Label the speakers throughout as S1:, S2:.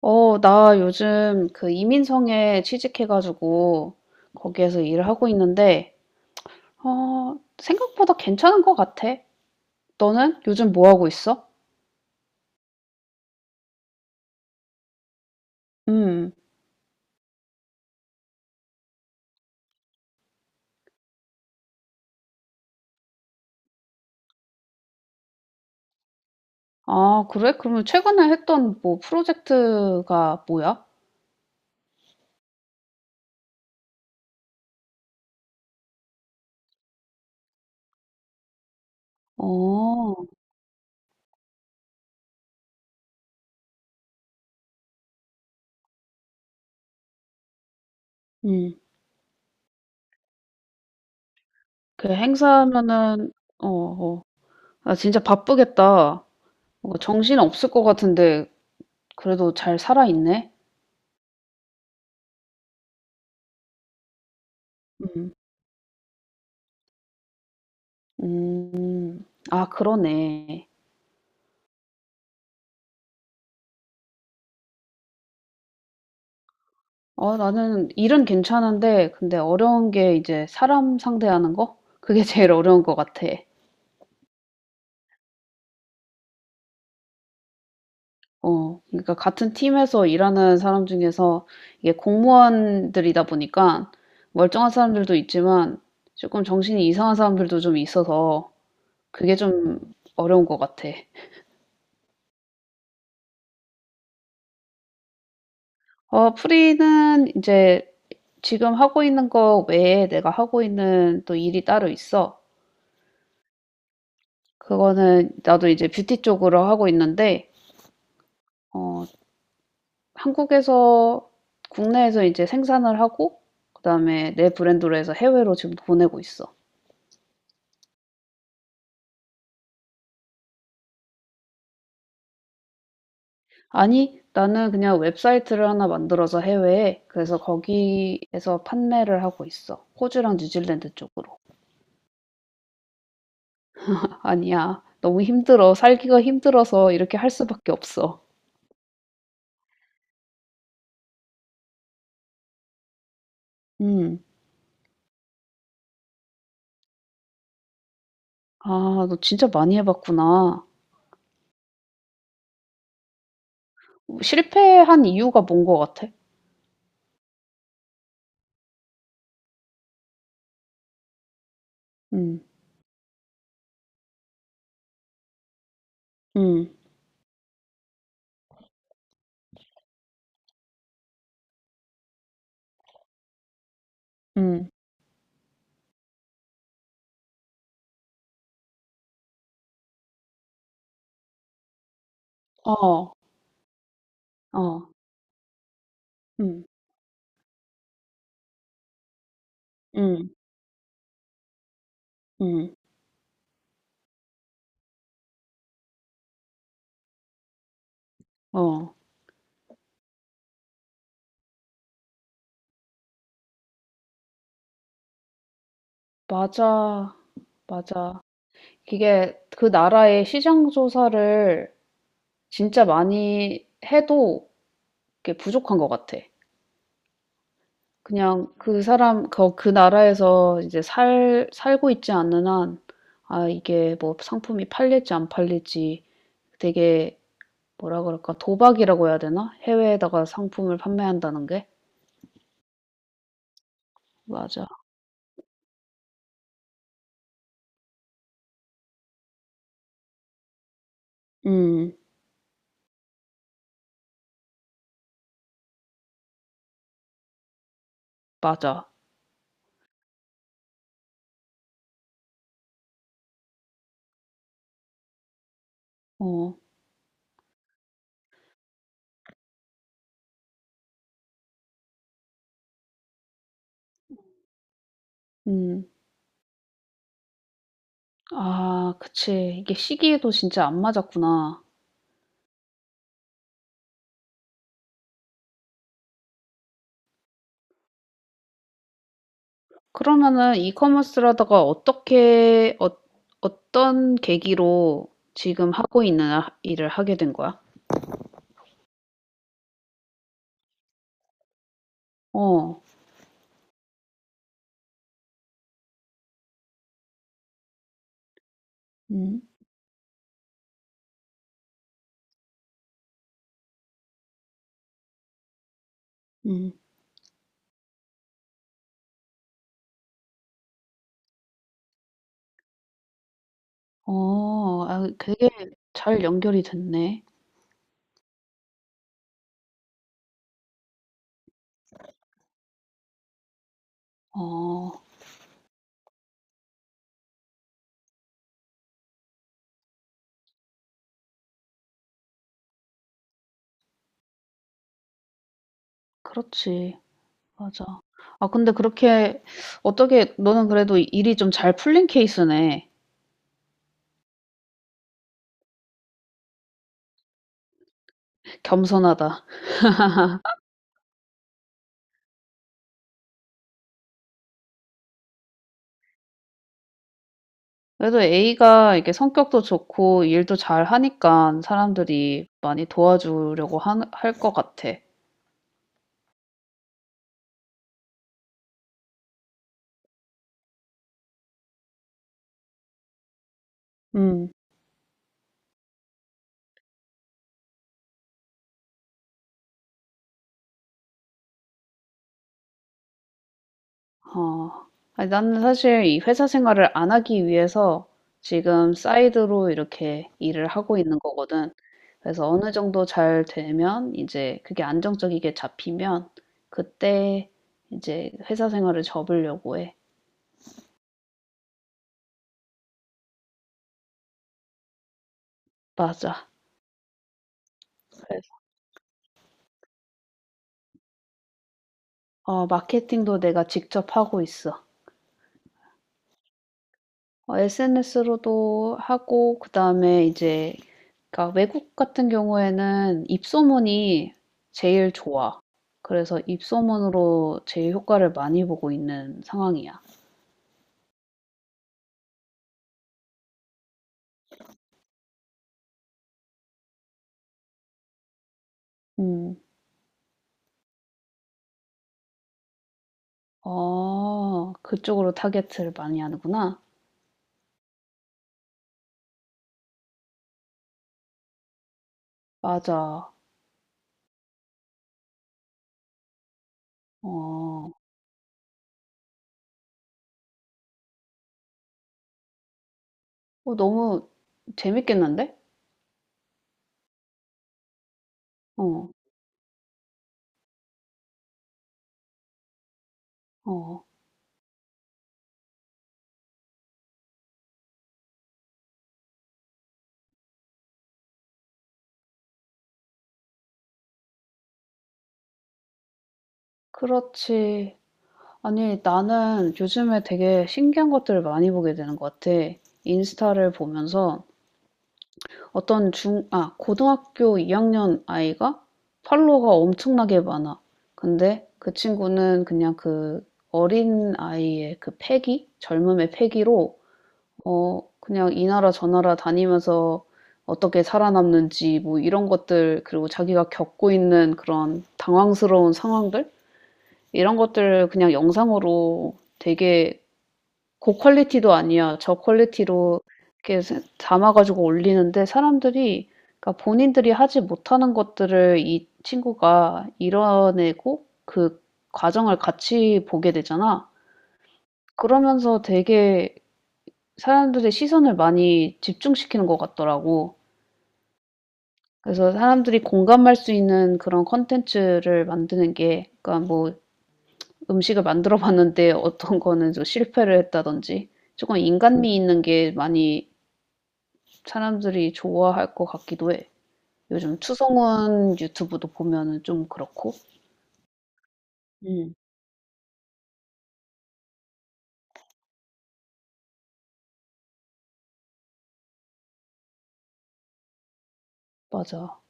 S1: 어, 나 요즘 그 이민성에 취직해 가지고 거기에서 일을 하고 있는데 어, 생각보다 괜찮은 것 같아. 너는 요즘 뭐 하고 있어? 음. 아, 그래? 그러면 최근에 했던 뭐 프로젝트가 뭐야? 어. 음. 그 행사면은, 어, 어, 아, 진짜 바쁘겠다. 뭔가 정신 없을 것 같은데 그래도 잘 살아 있네. 음. 음. 아, 그러네. 어, 나는 일은 괜찮은데 근데 어려운 게 이제 사람 상대하는 거? 그게 제일 어려운 것 같아. 어. 그러니까 같은 팀에서 일하는 사람 중에서 이게 공무원들이다 보니까 멀쩡한 사람들도 있지만 조금 정신이 이상한 사람들도 좀 있어서 그게 좀 어려운 것 같아. 어, 프리는 이제 지금 하고 있는 거 외에 내가 하고 있는 또 일이 따로 있어. 그거는 나도 이제 뷰티 쪽으로 하고 있는데 어, 한국에서 국내에서 이제 생산을 하고 그다음에 내 브랜드로 해서 해외로 지금 보내고 있어. 아니, 나는 그냥 웹사이트를 하나 만들어서 해외에, 그래서 거기에서 판매를 하고 있어. 호주랑 뉴질랜드 쪽으로. 아니야. 너무 힘들어. 살기가 힘들어서 이렇게 할 수밖에 없어. 음. 아, 너 진짜 많이 해봤구나. 실패한 이유가 뭔 것 같아? 음. 음. 음. 어. 어. 음. 음. 음. 어. 맞아. 맞아. 이게 그 나라의 시장 조사를 진짜 많이 해도 그게 부족한 것 같아. 그냥 그 사람 그 나라에서 이제 살 살고 있지 않는 한, 아, 이게 뭐 상품이 팔릴지 안 팔릴지 되게, 뭐라 그럴까? 도박이라고 해야 되나? 해외에다가 상품을 판매한다는 게? 맞아. 음. 맞아. 어. 음. 아, 그치. 이게 시기에도 진짜 안 맞았구나. 그러면은 이커머스라다가 어떻게, 어, 어떤 계기로 지금 하고 있는 일을 하게 된 거야? 어. 음. 음. 어. 아, 되게 잘 연결이 됐네. 어. 그렇지. 맞아. 아, 근데 그렇게 어떻게 너는 그래도 일이 좀 잘 풀린 케이스네. 겸손하다. 그래도 A가 이게 성격도 좋고 일도 잘 하니까 사람들이 많이 도와주려고 할 것 같아. 음. 어, 아니, 나는 사실 이 회사 생활을 안 하기 위해서 지금 사이드로 이렇게 일을 하고 있는 거거든. 그래서 어느 정도 잘 되면 이제 그게 안정적이게 잡히면 그때 이제 회사 생활을 접으려고 해. 맞아. 그래서, 어, 마케팅도 내가 직접 하고 있어. 어, SNS로도 하고 그다음에 이제, 그러니까 외국 같은 경우에는 입소문이 제일 좋아. 그래서 입소문으로 제일 효과를 많이 보고 있는 상황이야. 음. 아, 그쪽으로 타겟을 많이 하는구나. 맞아. 어. 어, 너무 재밌겠는데? 어. 어. 그렇지. 아니, 나는 요즘에 되게 신기한 것들을 많이 보게 되는 것 같아. 인스타를 보면서 어떤 중, 아, 고등학교 2학년 아이가 팔로워가 엄청나게 많아. 근데 그 친구는 그냥 그 어린 아이의 그 패기? 젊음의 패기로, 어, 그냥 이 나라 저 나라 다니면서 어떻게 살아남는지 뭐 이런 것들, 그리고 자기가 겪고 있는 그런 당황스러운 상황들? 이런 것들을 그냥 영상으로 되게, 고 퀄리티도 아니야. 저 퀄리티로 이렇게 담아 가지고 올리는데 사람들이, 그러니까 본인들이 하지 못하는 것들을 이 친구가 이뤄내고 그 과정을 같이 보게 되잖아. 그러면서 되게 사람들의 시선을 많이 집중시키는 것 같더라고. 그래서 사람들이 공감할 수 있는 그런 컨텐츠를 만드는 게, 그러니까 뭐, 음식을 만들어 봤는데 어떤 거는 좀 실패를 했다든지 조금 인간미 있는 게 많이 사람들이 좋아할 것 같기도 해. 요즘 추성훈 유튜브도 보면은 좀 그렇고. 음. 맞아.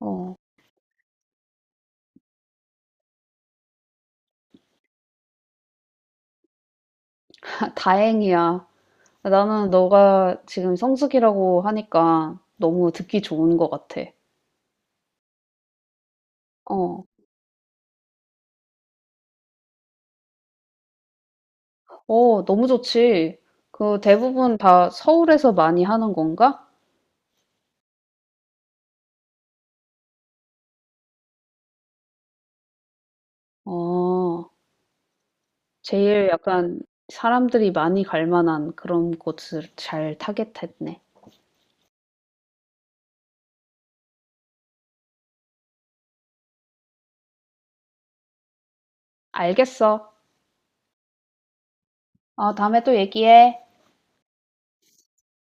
S1: 어. 다 다행이야. 나는 너가 지금 성수기라고 하니까 너무 듣기 좋은 것 같아. 어. 어, 너무 좋지. 그 대부분 다 서울에서 많이 하는 건가? 어. 제일 약간 사람들이 많이 갈 만한 그런 곳을 잘 타겟했네. 알겠어. 어, 다음에 또 얘기해.